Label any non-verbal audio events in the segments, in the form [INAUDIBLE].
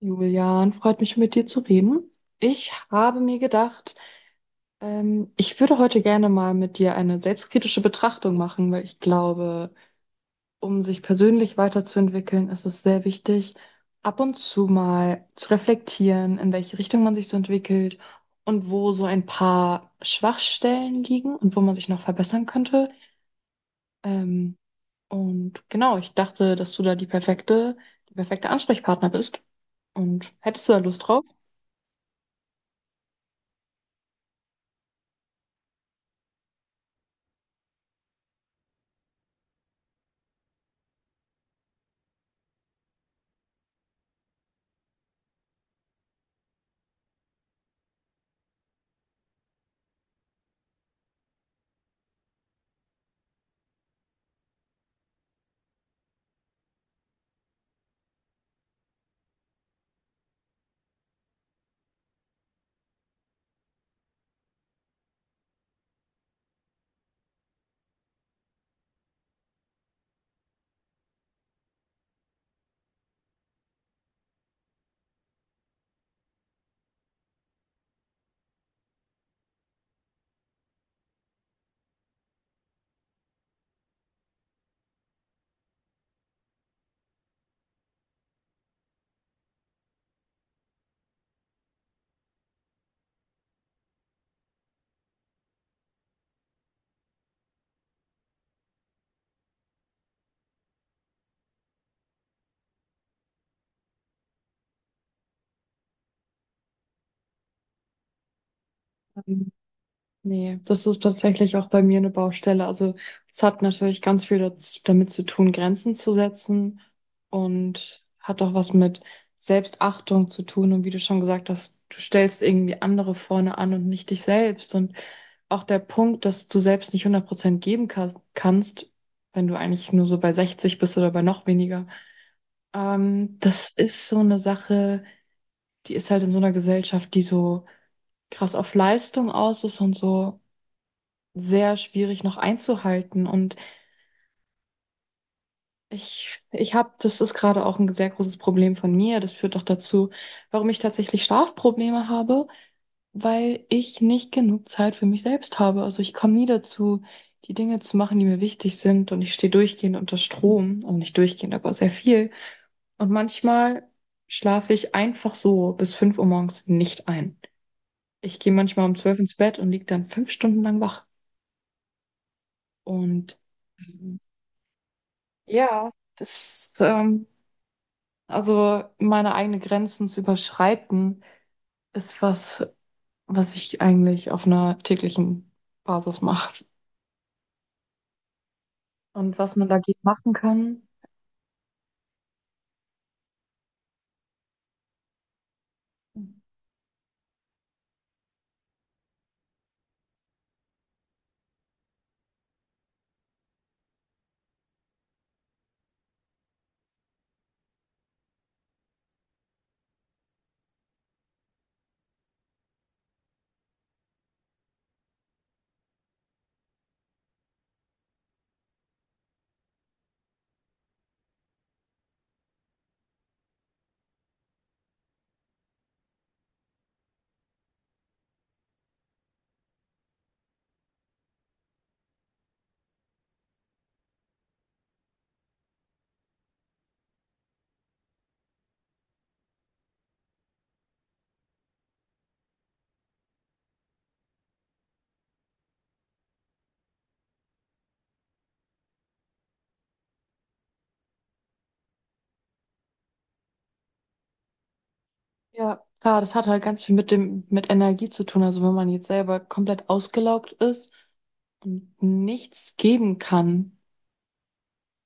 Julian, freut mich, mit dir zu reden. Ich habe mir gedacht, ich würde heute gerne mal mit dir eine selbstkritische Betrachtung machen, weil ich glaube, um sich persönlich weiterzuentwickeln, ist es sehr wichtig, ab und zu mal zu reflektieren, in welche Richtung man sich so entwickelt und wo so ein paar Schwachstellen liegen und wo man sich noch verbessern könnte. Ähm, und genau, ich dachte, dass du da die perfekte Ansprechpartner bist. Und hättest du da Lust drauf? Nee, das ist tatsächlich auch bei mir eine Baustelle. Also es hat natürlich ganz viel damit zu tun, Grenzen zu setzen und hat auch was mit Selbstachtung zu tun. Und wie du schon gesagt hast, du stellst irgendwie andere vorne an und nicht dich selbst. Und auch der Punkt, dass du selbst nicht 100% geben kannst, wenn du eigentlich nur so bei 60 bist oder bei noch weniger. Das ist so eine Sache, die ist halt in so einer Gesellschaft, die so krass auf Leistung aus ist und so sehr schwierig noch einzuhalten. Und ich habe, das ist gerade auch ein sehr großes Problem von mir. Das führt doch dazu, warum ich tatsächlich Schlafprobleme habe, weil ich nicht genug Zeit für mich selbst habe. Also ich komme nie dazu, die Dinge zu machen, die mir wichtig sind. Und ich stehe durchgehend unter Strom. Also nicht durchgehend, aber sehr viel. Und manchmal schlafe ich einfach so bis 5 Uhr morgens nicht ein. Ich gehe manchmal um 12 ins Bett und liege dann 5 Stunden lang wach. Und Ja, das, also meine eigenen Grenzen zu überschreiten, ist was, was ich eigentlich auf einer täglichen Basis mache. Und was man dagegen machen kann, ja, klar, das hat halt ganz viel mit dem, mit Energie zu tun. Also wenn man jetzt selber komplett ausgelaugt ist und nichts geben kann.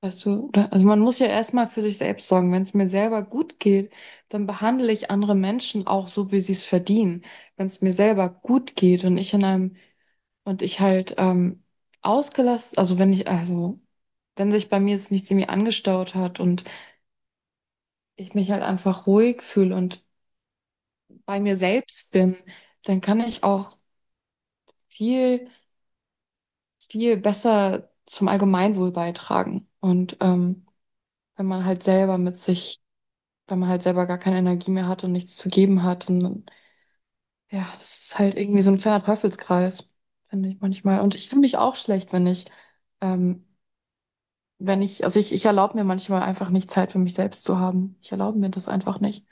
Weißt du, oder, also man muss ja erstmal für sich selbst sorgen. Wenn es mir selber gut geht, dann behandle ich andere Menschen auch so, wie sie es verdienen. Wenn es mir selber gut geht und ich in einem und ich halt ausgelassen, also wenn sich bei mir jetzt nichts irgendwie angestaut hat und ich mich halt einfach ruhig fühle und bei mir selbst bin, dann kann ich auch viel, viel besser zum Allgemeinwohl beitragen. Und wenn man halt selber mit sich, weil man halt selber gar keine Energie mehr hat und nichts zu geben hat. Und dann, ja, das ist halt irgendwie so ein kleiner Teufelskreis, finde ich manchmal. Und ich fühle mich auch schlecht, wenn ähm, ich erlaube mir manchmal einfach nicht Zeit für mich selbst zu haben. Ich erlaube mir das einfach nicht.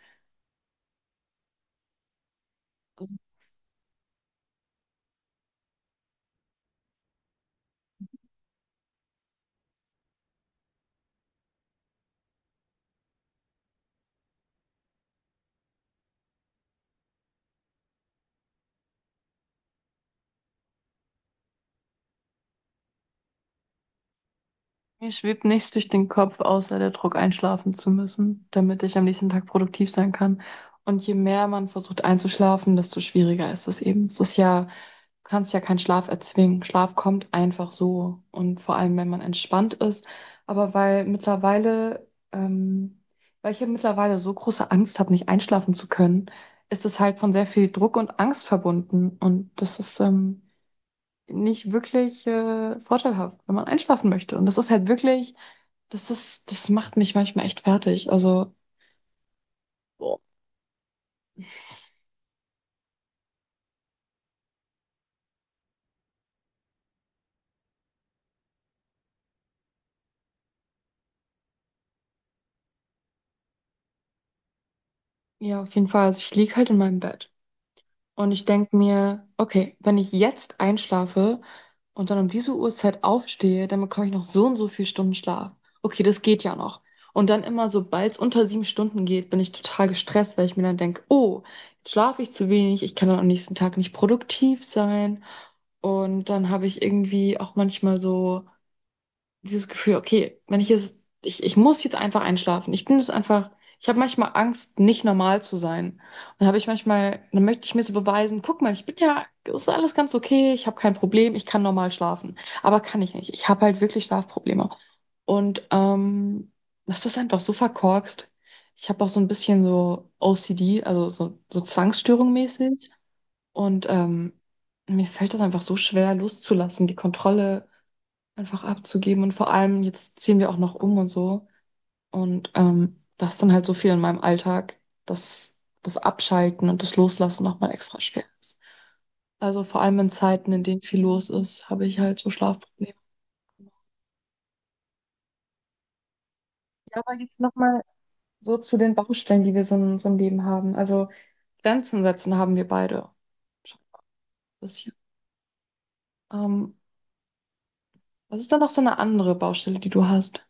Mir schwebt nichts durch den Kopf, außer der Druck, einschlafen zu müssen, damit ich am nächsten Tag produktiv sein kann. Und je mehr man versucht einzuschlafen, desto schwieriger ist es eben. Es ist ja, du kannst ja keinen Schlaf erzwingen. Schlaf kommt einfach so. Und vor allem, wenn man entspannt ist. Weil ich ja mittlerweile so große Angst habe, nicht einschlafen zu können, ist es halt von sehr viel Druck und Angst verbunden. Und das ist, nicht wirklich vorteilhaft, wenn man einschlafen möchte. Und das ist halt wirklich das ist, das macht mich manchmal echt fertig. Also, boah. Ja, auf jeden Fall. Also ich lieg halt in meinem Bett und ich denk mir, okay, wenn ich jetzt einschlafe und dann um diese Uhrzeit aufstehe, dann bekomme ich noch so und so viel Stunden Schlaf. Okay, das geht ja noch. Und dann immer, sobald es unter 7 Stunden geht, bin ich total gestresst, weil ich mir dann denk, oh, jetzt schlafe ich zu wenig, ich kann dann am nächsten Tag nicht produktiv sein. Und dann habe ich irgendwie auch manchmal so dieses Gefühl, okay, wenn ich jetzt, ich muss jetzt einfach einschlafen. Ich bin jetzt einfach, Ich habe manchmal Angst, nicht normal zu sein. Und habe ich manchmal, dann möchte ich mir so beweisen, guck mal, ich bin ja, es ist alles ganz okay, ich habe kein Problem, ich kann normal schlafen. Aber kann ich nicht. Ich habe halt wirklich Schlafprobleme. Und das ist einfach so verkorkst. Ich habe auch so ein bisschen so OCD, also so Zwangsstörung mäßig. Und mir fällt das einfach so schwer loszulassen, die Kontrolle einfach abzugeben. Und vor allem, jetzt ziehen wir auch noch um und so. Und das ist dann halt so viel in meinem Alltag, dass das Abschalten und das Loslassen nochmal extra schwer ist. Also vor allem in Zeiten, in denen viel los ist, habe ich halt so Schlafprobleme. Ja, aber jetzt nochmal so zu den Baustellen, die wir so in unserem Leben haben. Also Grenzen setzen haben wir beide. Schon ein bisschen. Ähm, was ist dann noch so eine andere Baustelle, die du hast?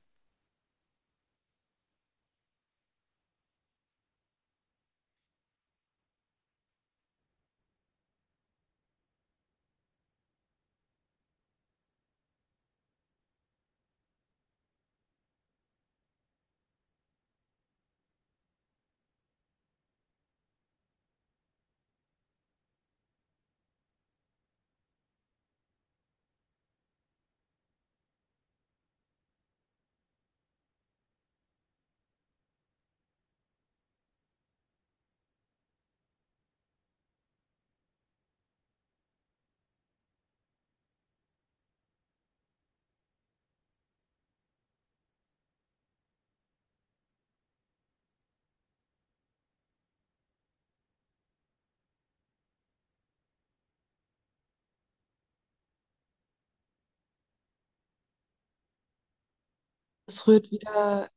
Es rührt wieder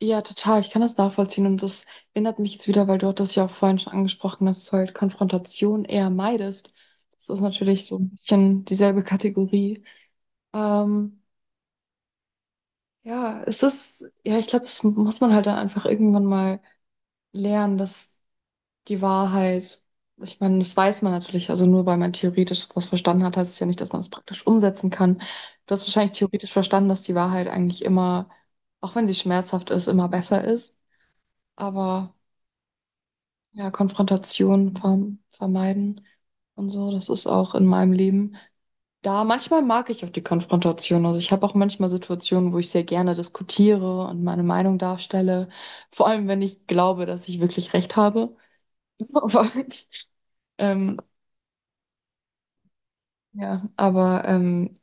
Ja, total. Ich kann das nachvollziehen und das erinnert mich jetzt wieder, weil du hattest ja auch vorhin schon angesprochen, dass du halt Konfrontation eher meidest. Das ist natürlich so ein bisschen dieselbe Kategorie. Ähm, ja, es ist, ja, ich glaube, das muss man halt dann einfach irgendwann mal lernen, dass die Wahrheit, ich meine, das weiß man natürlich, also nur weil man theoretisch was verstanden hat, heißt es ja nicht, dass man es praktisch umsetzen kann. Du hast wahrscheinlich theoretisch verstanden, dass die Wahrheit eigentlich immer, auch wenn sie schmerzhaft ist, immer besser ist. Aber ja, Konfrontation vermeiden und so. Das ist auch in meinem Leben. Da manchmal mag ich auch die Konfrontation. Also ich habe auch manchmal Situationen, wo ich sehr gerne diskutiere und meine Meinung darstelle. Vor allem, wenn ich glaube, dass ich wirklich recht habe. [LAUGHS] Aber, ähm, ja, aber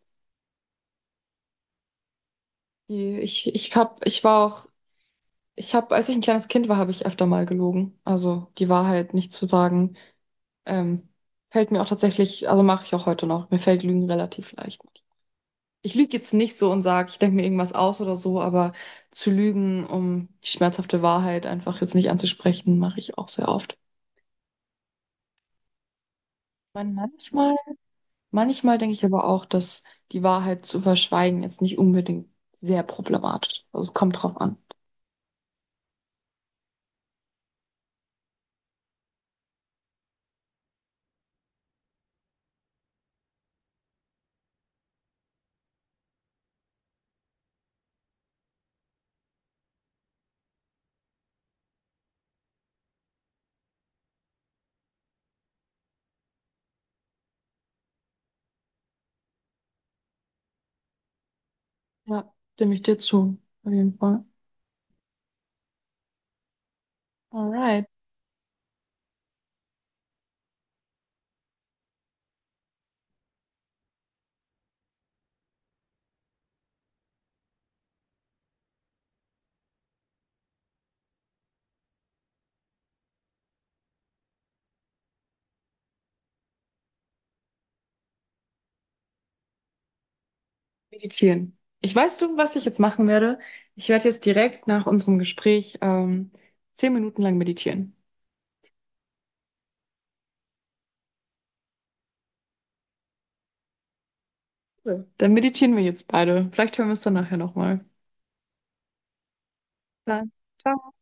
die, ich, ich hab, ich war auch, als ich ein kleines Kind war, habe ich öfter mal gelogen. Also die Wahrheit nicht zu sagen, ähm, fällt mir auch tatsächlich, also mache ich auch heute noch. Mir fällt Lügen relativ leicht. Ich lüge jetzt nicht so und sage, ich denke mir irgendwas aus oder so, aber zu lügen, um die schmerzhafte Wahrheit einfach jetzt nicht anzusprechen, mache ich auch sehr oft. Manchmal, manchmal denke ich aber auch, dass die Wahrheit zu verschweigen jetzt nicht unbedingt sehr problematisch ist. Also es kommt drauf an. Ja, stimme ich dir zu, auf jeden Fall. Alright, meditieren. Ich weiß du, was ich jetzt machen werde. Ich werde jetzt direkt nach unserem Gespräch 10 Minuten lang meditieren. Cool. Dann meditieren wir jetzt beide. Vielleicht hören wir es dann nachher nochmal. Super. Ciao.